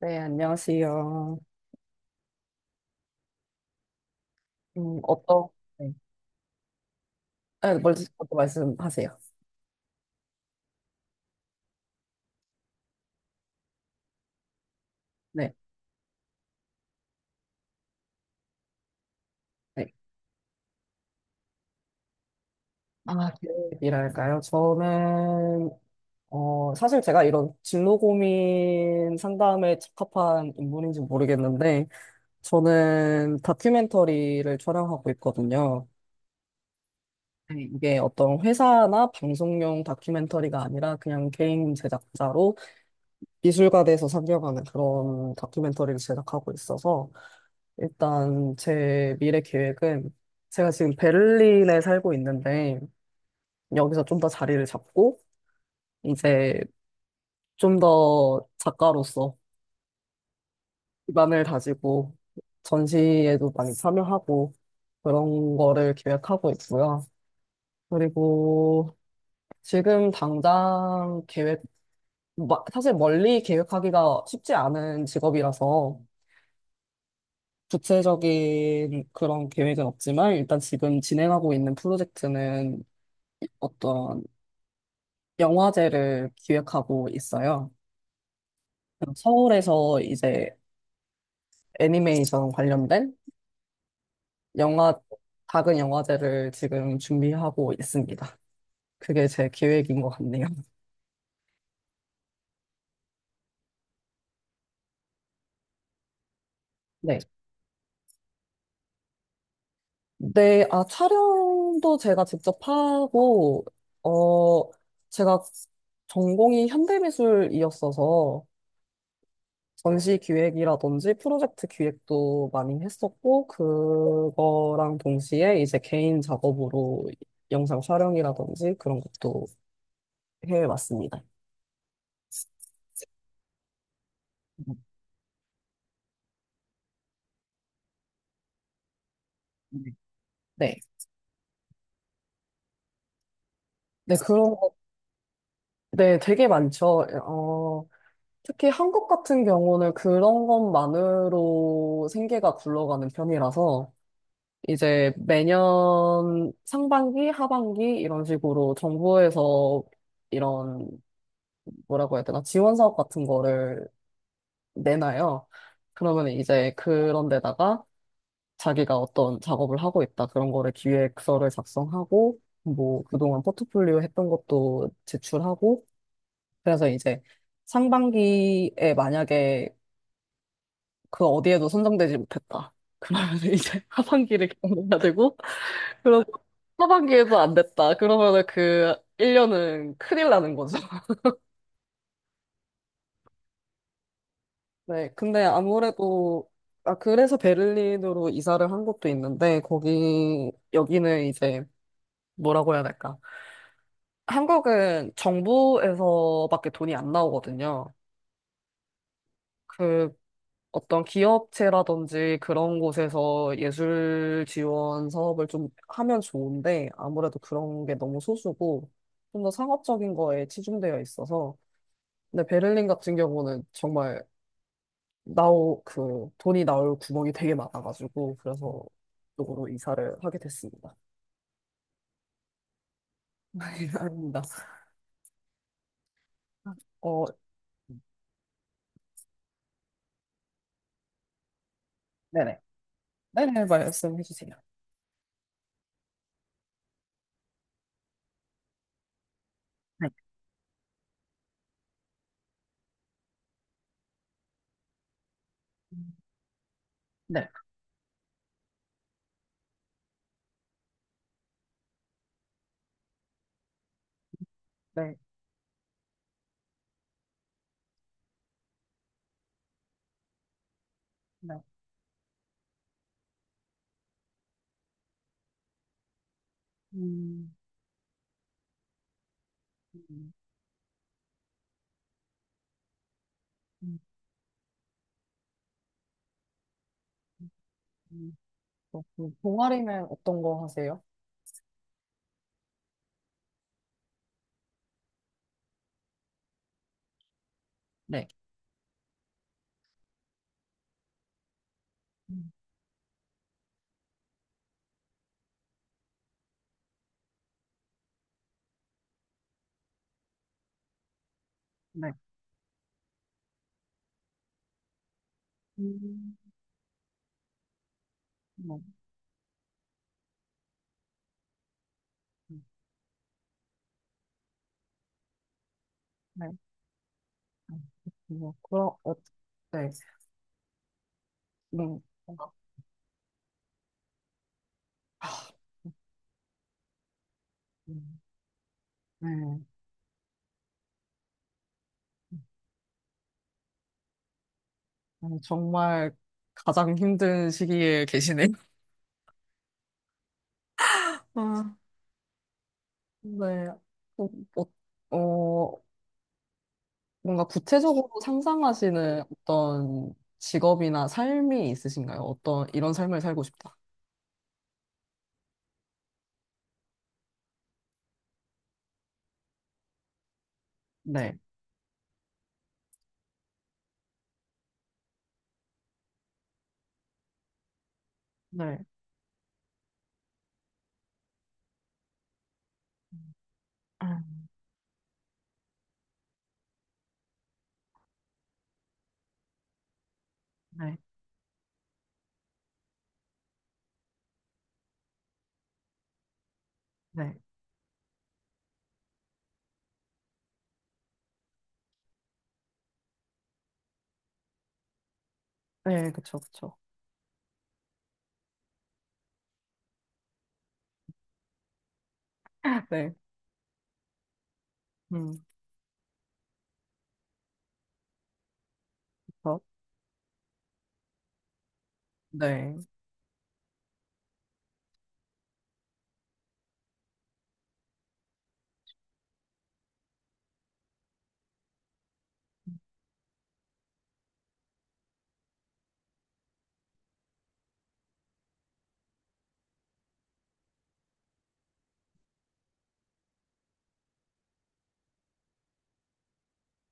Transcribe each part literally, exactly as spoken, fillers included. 네, 안녕하세요. 음, 어떤, 네. 아, 먼저 어떤 말씀하세요. 네. 네. 아, 계획이랄까요? 저는, 어, 사실 제가 이런 진로 고민 상담에 적합한 인물인지 모르겠는데, 저는 다큐멘터리를 촬영하고 있거든요. 네, 이게 어떤 회사나 방송용 다큐멘터리가 아니라 그냥 개인 제작자로 미술가 돼서 상영하는 그런 다큐멘터리를 제작하고 있어서, 일단 제 미래 계획은 제가 지금 베를린에 살고 있는데 여기서 좀 더 자리를 잡고 이제 좀 더 작가로서 기반을 다지고 전시에도 많이 참여하고 그런 거를 계획하고 있고요. 그리고 지금 당장 계획, 마- 사실 멀리 계획하기가 쉽지 않은 직업이라서 구체적인 그런 계획은 없지만 일단 지금 진행하고 있는 프로젝트는 어떤 영화제를 기획하고 있어요. 서울에서 이제 애니메이션 관련된 영화, 작은 영화제를 지금 준비하고 있습니다. 그게 제 계획인 것 같네요. 네. 네, 아, 촬영도 제가 직접 하고, 어, 제가 전공이 현대미술이었어서, 전시 기획이라든지 프로젝트 기획도 많이 했었고, 그거랑 동시에 이제 개인 작업으로 영상 촬영이라든지 그런 것도 해왔습니다. 네. 네. 네, 그런 거, 네, 되게 많죠. 어, 특히 한국 같은 경우는 그런 것만으로 생계가 굴러가는 편이라서, 이제 매년 상반기, 하반기 이런 식으로 정부에서 이런, 뭐라고 해야 되나, 지원 사업 같은 거를 내놔요. 그러면 이제 그런 데다가 자기가 어떤 작업을 하고 있다. 그런 거를 기획서를 작성하고, 뭐, 그동안 포트폴리오 했던 것도 제출하고, 그래서 이제 상반기에 만약에 그 어디에도 선정되지 못했다. 그러면 이제 하반기를 경험해야 되고, 그리고 하반기에도 안 됐다. 그러면은 그 일 년은 큰일 나는 거죠. 네, 근데 아무래도, 아, 그래서 베를린으로 이사를 한 것도 있는데, 거기, 여기는 이제, 뭐라고 해야 될까. 한국은 정부에서밖에 돈이 안 나오거든요. 그, 어떤 기업체라든지 그런 곳에서 예술 지원 사업을 좀 하면 좋은데, 아무래도 그런 게 너무 소수고, 좀 더 상업적인 거에 치중되어 있어서, 근데 베를린 같은 경우는 정말 나오 그 돈이 나올 구멍이 되게 많아가지고 그래서 이 쪽으로 이사를 하게 됐습니다. 아닙니다. 어, 네네. 네네, 말씀해 주세요. 네, 네, 네, 네. 음, 음, 음, 음. 어, 그 동아리는 어떤 거 하세요? 네. 음, 네. 음, 뭐, 음, 네. 음, 뭐, 그럼, 어, 네. 음, 아, 음, 네. 음, 정말 가장 힘든 시기에 계시네요. 아, 네. 어, 어, 어, 뭔가 구체적으로 상상하시는 어떤 직업이나 삶이 있으신가요? 어떤 이런 삶을 살고 싶다. 네. 네. 아, 네. 네. 네, 그쵸, 그쵸. 네. 음, 그쵸. 네.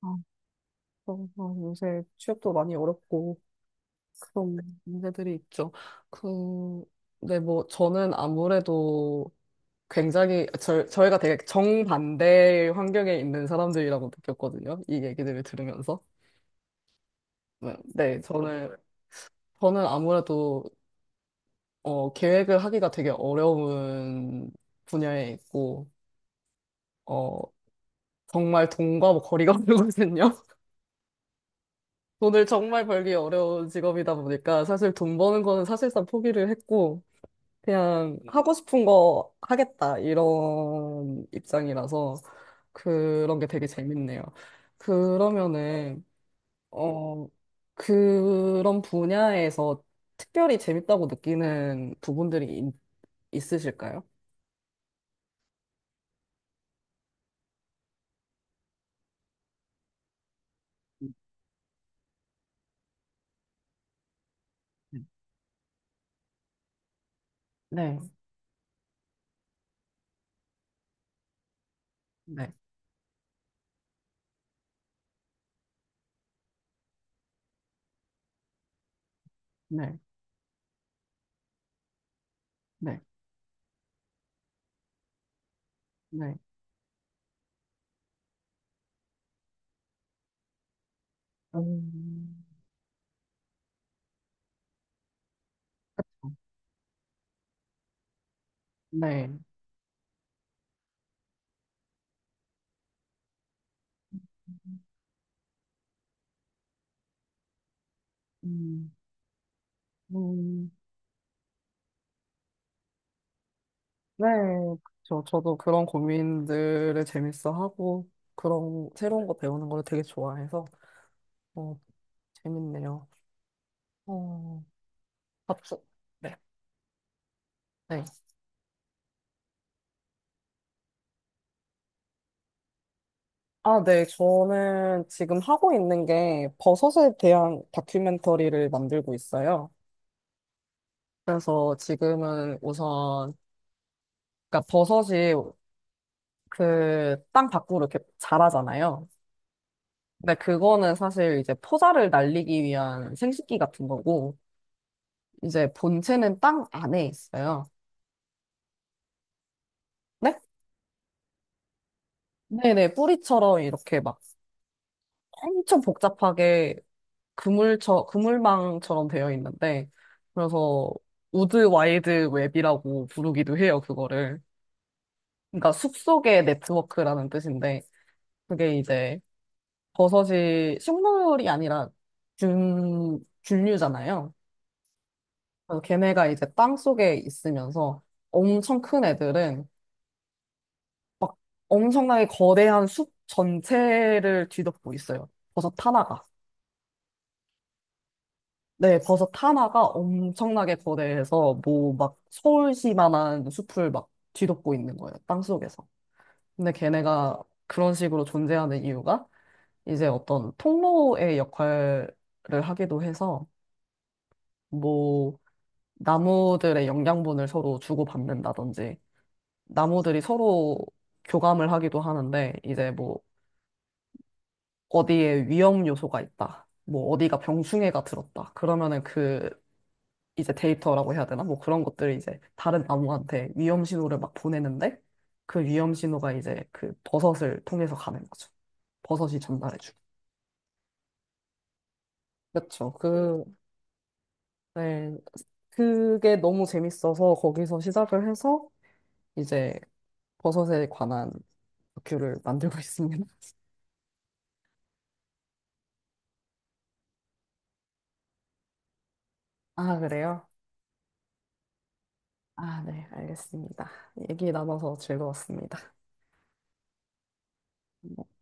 아, 그럼, 어, 요새 취업도 많이 어렵고 그런 문제들이 있죠. 그, 네, 뭐, 저는 아무래도 굉장히 저, 저희가 되게 정반대의 환경에 있는 사람들이라고 느꼈거든요. 이 얘기들을 들으면서. 네, 네, 저는 저는 아무래도 어, 계획을 하기가 되게 어려운 분야에 있고 어, 정말 돈과 뭐 거리가 멀거든요. 돈을 정말 벌기 어려운 직업이다 보니까 사실 돈 버는 거는 사실상 포기를 했고 그냥 하고 싶은 거 하겠다 이런 입장이라서 그런 게 되게 재밌네요. 그러면은 어, 그런 분야에서 특별히 재밌다고 느끼는 부분들이 있- 있으실까요? 네, 네, 네, 네, 네. 음, 네. 음, 음, 네. 저, 저도 그런 고민들을 재밌어 하고, 그런 새로운 거 배우는 걸 되게 좋아해서, 어, 재밌네요. 어, 갑자 네, 네. 아, 네. 저는 지금 하고 있는 게 버섯에 대한 다큐멘터리를 만들고 있어요. 그래서 지금은 우선, 그러니까 버섯이 그 땅 밖으로 이렇게 자라잖아요. 근데 그거는 사실 이제 포자를 날리기 위한 생식기 같은 거고, 이제 본체는 땅 안에 있어요. 네? 네네. 뿌리처럼 이렇게 막 엄청 복잡하게 그물처, 그물망처럼 되어 있는데, 그래서 우드 와이드 웹이라고 부르기도 해요, 그거를. 그러니까 숲속의 네트워크라는 뜻인데, 그게 이제 버섯이 식물이 아니라 균, 균류잖아요. 그래서 걔네가 이제 땅 속에 있으면서 엄청 큰 애들은 막 엄청나게 거대한 숲 전체를 뒤덮고 있어요. 버섯 하나가. 네, 버섯 하나가 엄청나게 거대해서 뭐 막 서울시만한 숲을 막 뒤덮고 있는 거예요. 땅속에서. 근데 걔네가 그런 식으로 존재하는 이유가 이제 어떤 통로의 역할을 하기도 해서 뭐 나무들의 영양분을 서로 주고받는다든지 나무들이 서로 교감을 하기도 하는데 이제 뭐 어디에 위험 요소가 있다. 뭐 어디가 병충해가 들었다. 그러면은 그 이제 데이터라고 해야 되나? 뭐 그런 것들을 이제 다른 나무한테 위험 신호를 막 보내는데 그 위험 신호가 이제 그 버섯을 통해서 가는 거죠. 버섯이 전달해주고. 그렇죠. 그, 네. 그게 너무 재밌어서 거기서 시작을 해서 이제 버섯에 관한 다큐를 만들고 있습니다. 아, 그래요? 아, 네, 알겠습니다. 얘기 나눠서 즐거웠습니다. 네.